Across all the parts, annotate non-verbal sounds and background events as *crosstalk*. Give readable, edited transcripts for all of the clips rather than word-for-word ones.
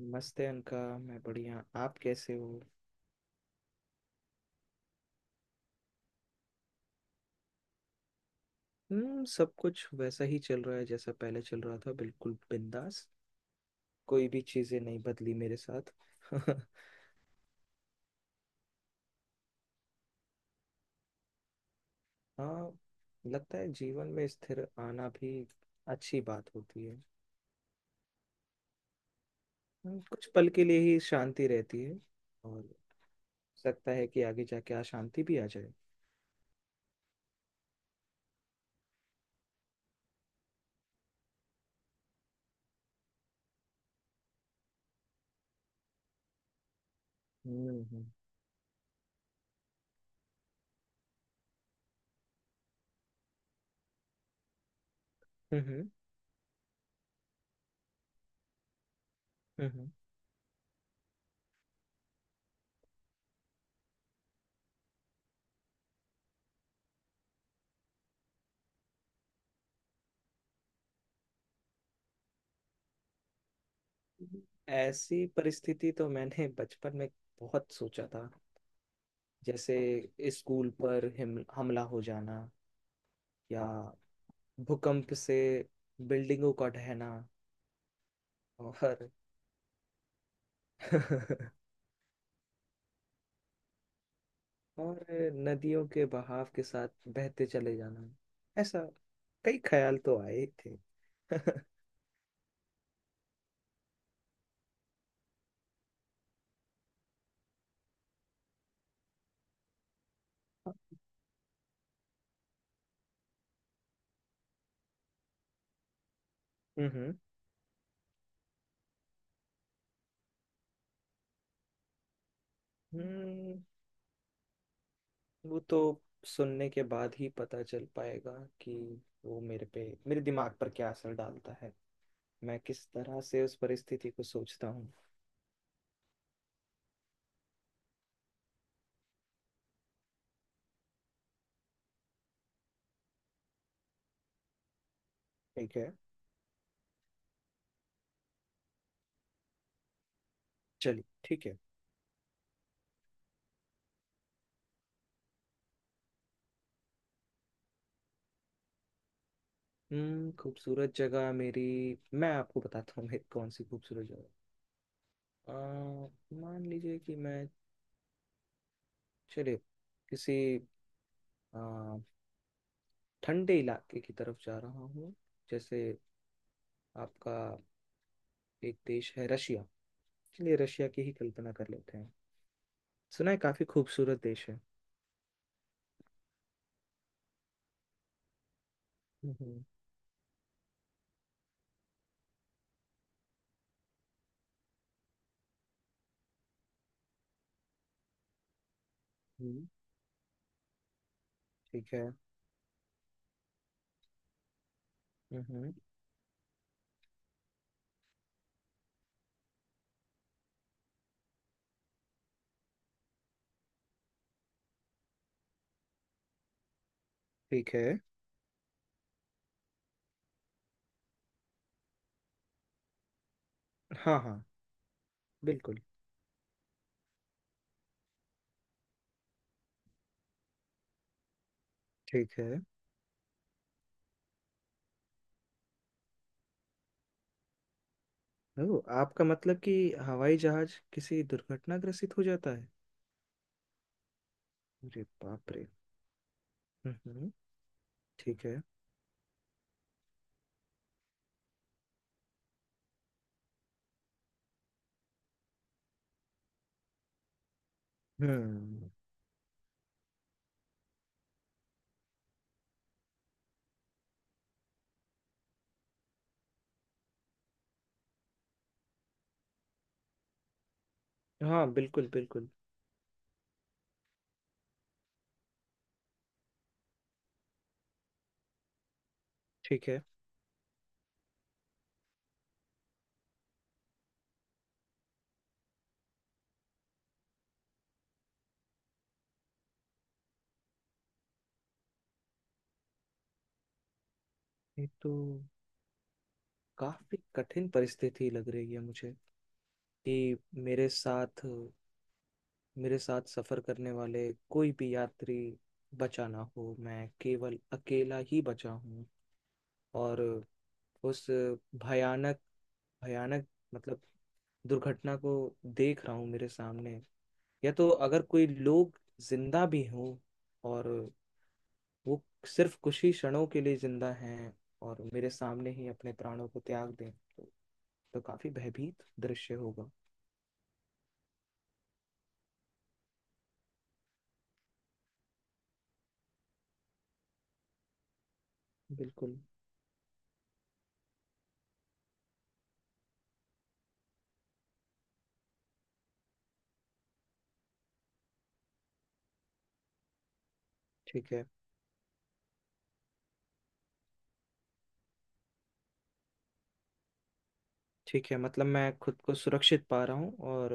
नमस्ते अनका, मैं बढ़िया। आप कैसे हो? हम्म, सब कुछ वैसा ही चल रहा है जैसा पहले चल रहा था, बिल्कुल बिंदास। कोई भी चीजें नहीं बदली मेरे साथ। *laughs* हाँ, लगता है जीवन में स्थिर आना भी अच्छी बात होती है। कुछ पल के लिए ही शांति रहती है, और सकता है कि आगे जाके अशांति भी आ जाए। हम्म। हम्म हम्म, हम्म। ऐसी परिस्थिति तो मैंने *laughs* बचपन में बहुत सोचा था। जैसे स्कूल पर हिम हमला हो जाना, या भूकंप से बिल्डिंगों का ढहना, और *laughs* और नदियों के बहाव के साथ बहते चले जाना। ऐसा कई ख्याल तो आए ही थे। *laughs* हम्म हम्म, वो तो सुनने के बाद ही पता चल पाएगा कि वो मेरे दिमाग पर क्या असर डालता है, मैं किस तरह से उस परिस्थिति को सोचता हूँ। ठीक है, चलिए ठीक है। हम्म, खूबसूरत जगह मेरी। मैं आपको बताता हूँ मेरी कौन सी खूबसूरत जगह। अ, मान लीजिए कि मैं चले किसी अ, ठंडे इलाके की तरफ जा रहा हूँ। जैसे आपका एक देश है रशिया। चलिए रशिया की ही कल्पना कर लेते हैं। सुना है काफी खूबसूरत देश है। हम्म हम्म। ठीक है। हम्म। ठीक है। हाँ हाँ, बिल्कुल। ठीक है। ओ, आपका मतलब कि हवाई जहाज किसी दुर्घटनाग्रस्त हो जाता है। अरे बाप रे। हम्म। ठीक है। हम्म। हाँ बिल्कुल बिल्कुल। ठीक है। ये तो काफी कठिन परिस्थिति लग रही है मुझे कि मेरे साथ मेरे साथ सफर करने वाले कोई भी यात्री बचा ना हो, मैं केवल अकेला ही बचा हूँ। और उस भयानक भयानक मतलब दुर्घटना को देख रहा हूँ मेरे सामने। या तो अगर कोई लोग जिंदा भी हों, और वो सिर्फ कुछ ही क्षणों के लिए जिंदा हैं और मेरे सामने ही अपने प्राणों को त्याग दें तो काफी भयभीत दृश्य होगा। बिल्कुल। ठीक है। ठीक है, मतलब मैं खुद को सुरक्षित पा रहा हूँ और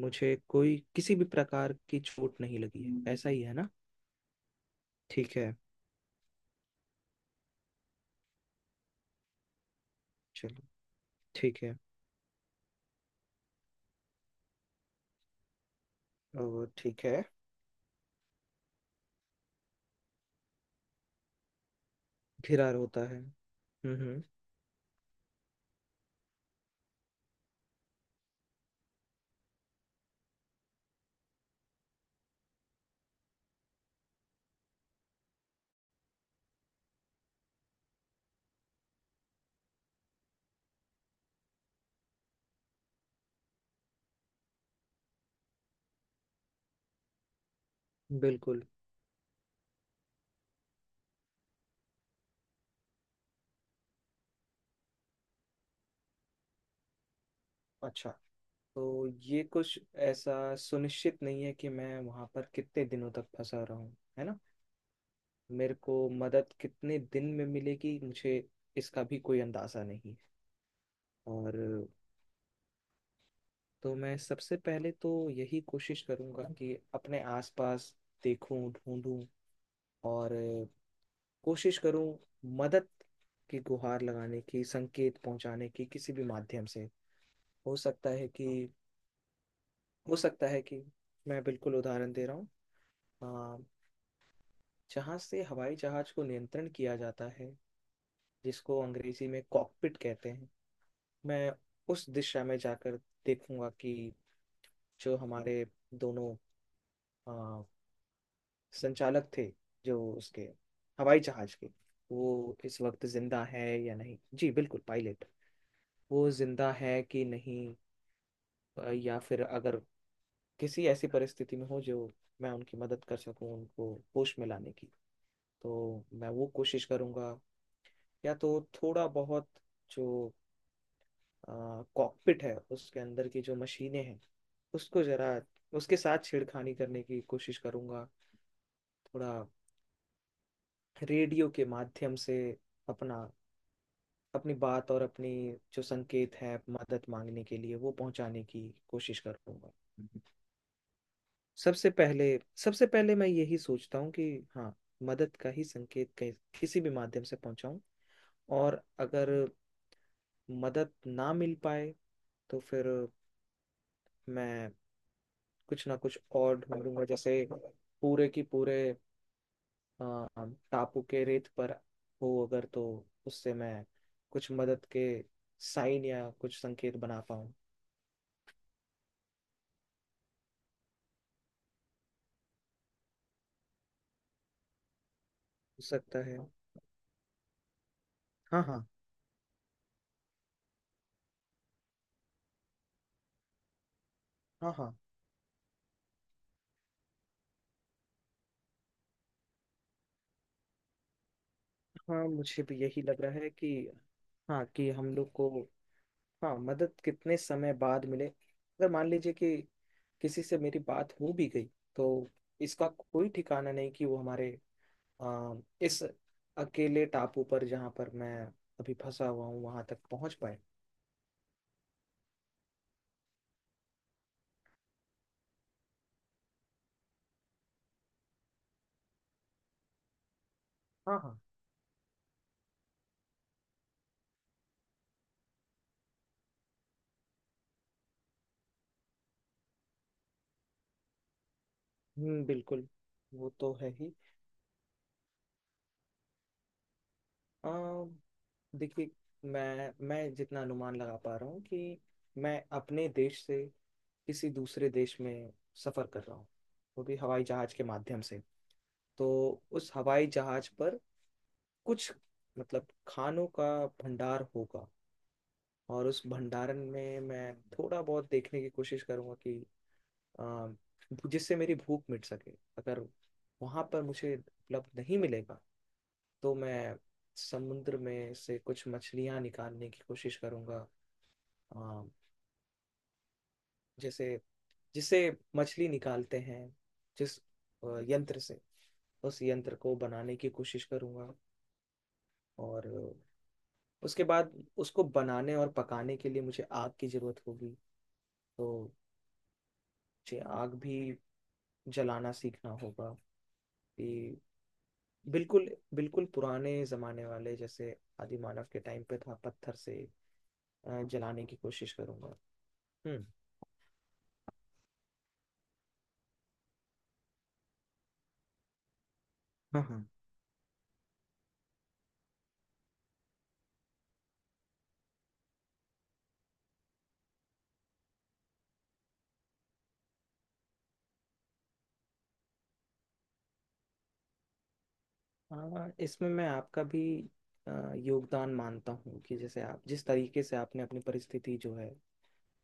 मुझे कोई किसी भी प्रकार की चोट नहीं लगी है, ऐसा ही है ना? ठीक है। चलो ठीक है। और ठीक है। घिरा होता है, हम्म। बिल्कुल। अच्छा, तो ये कुछ ऐसा सुनिश्चित नहीं है कि मैं वहां पर कितने दिनों तक फंसा रहूं, है ना? मेरे को मदद कितने दिन में मिलेगी मुझे, इसका भी कोई अंदाज़ा नहीं है। और तो मैं सबसे पहले तो यही कोशिश करूँगा कि अपने आसपास देखूं ढूंढूं, और कोशिश करूं मदद की गुहार लगाने की, संकेत पहुंचाने की किसी भी माध्यम से। हो सकता है कि हो सकता है कि मैं बिल्कुल उदाहरण दे रहा हूँ। जहाँ से हवाई जहाज को नियंत्रण किया जाता है, जिसको अंग्रेजी में कॉकपिट कहते हैं, मैं उस दिशा में जाकर देखूंगा कि जो हमारे दोनों अ, संचालक थे, जो उसके हवाई जहाज के, वो इस वक्त जिंदा है या नहीं। जी बिल्कुल पायलट। वो जिंदा है कि नहीं, या फिर अगर किसी ऐसी परिस्थिति में हो जो मैं उनकी मदद कर सकूं उनको होश में लाने की, तो मैं वो कोशिश करूंगा। या तो थोड़ा बहुत जो कॉकपिट है उसके अंदर की जो मशीनें हैं, उसको जरा उसके साथ छेड़खानी करने की कोशिश करूंगा थोड़ा, रेडियो के माध्यम से अपना, अपनी बात और अपनी जो संकेत है मदद मांगने के लिए वो पहुंचाने की कोशिश करूंगा। सबसे पहले सबसे पहले मैं यही सोचता हूँ कि हाँ, मदद का ही संकेत कहीं- किसी भी माध्यम से पहुंचाऊं। और अगर मदद ना मिल पाए, तो फिर मैं कुछ ना कुछ और ढूंढूंगा। जैसे पूरे की पूरे अ, टापू के रेत पर हो अगर, तो उससे मैं कुछ मदद के साइन या कुछ संकेत बना पाऊँ। हो सकता है। हाँ हाँ। हाँ। हाँ, हाँ मुझे भी यही लग रहा है कि, हाँ कि हम लोग को, हाँ, मदद कितने समय बाद मिले। अगर मान लीजिए कि किसी से मेरी बात हो भी गई, तो इसका कोई ठिकाना नहीं कि वो हमारे आ, इस अकेले टापू पर जहाँ पर मैं अभी फंसा हुआ हूँ, वहां तक पहुंच पाए। हाँ हाँ। बिल्कुल। वो तो है ही। आ, देखिए, मैं जितना अनुमान लगा पा रहा हूँ कि मैं अपने देश से किसी दूसरे देश में सफर कर रहा हूँ, वो भी हवाई जहाज के माध्यम से, तो उस हवाई जहाज पर कुछ मतलब खानों का भंडार होगा। और उस भंडारण में मैं थोड़ा बहुत देखने की कोशिश करूंगा कि अ, जिससे मेरी भूख मिट सके। अगर वहां पर मुझे उपलब्ध नहीं मिलेगा, तो मैं समुद्र में से कुछ मछलियां निकालने की कोशिश करूंगा। अ, जैसे जिसे मछली निकालते हैं, जिस यंत्र से, उस यंत्र को बनाने की कोशिश करूंगा। और उसके बाद उसको बनाने और पकाने के लिए मुझे आग की जरूरत होगी। तो मुझे आग भी जलाना सीखना होगा। कि बिल्कुल, बिल्कुल पुराने जमाने वाले जैसे आदि मानव के टाइम पे था पत्थर से जलाने की कोशिश करूंगा। हम्म। हाँ हाँ। हाँ, इसमें मैं आपका भी योगदान मानता हूँ कि जैसे आप जिस तरीके से आपने अपनी परिस्थिति जो है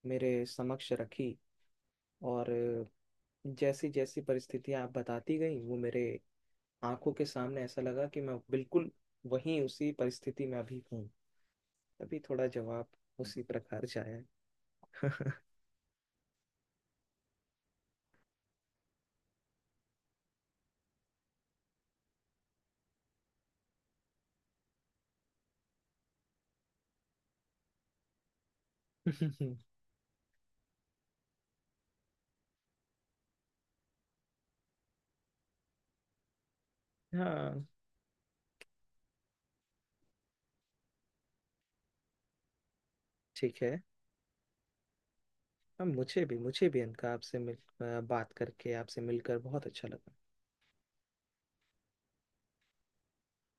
मेरे समक्ष रखी, और जैसी जैसी परिस्थितियाँ आप बताती गई, वो मेरे आंखों के सामने ऐसा लगा कि मैं बिल्कुल वहीं उसी परिस्थिति में अभी हूँ, तभी थोड़ा जवाब उसी प्रकार से आया। *laughs* हाँ, ठीक है। हाँ, मुझे भी अनका आपसे बात करके आपसे मिलकर बहुत अच्छा लगा।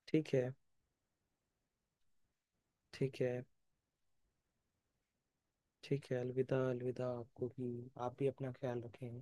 ठीक है। ठीक है। ठीक है, अलविदा। अलविदा आपको भी, आप भी अपना ख्याल रखें।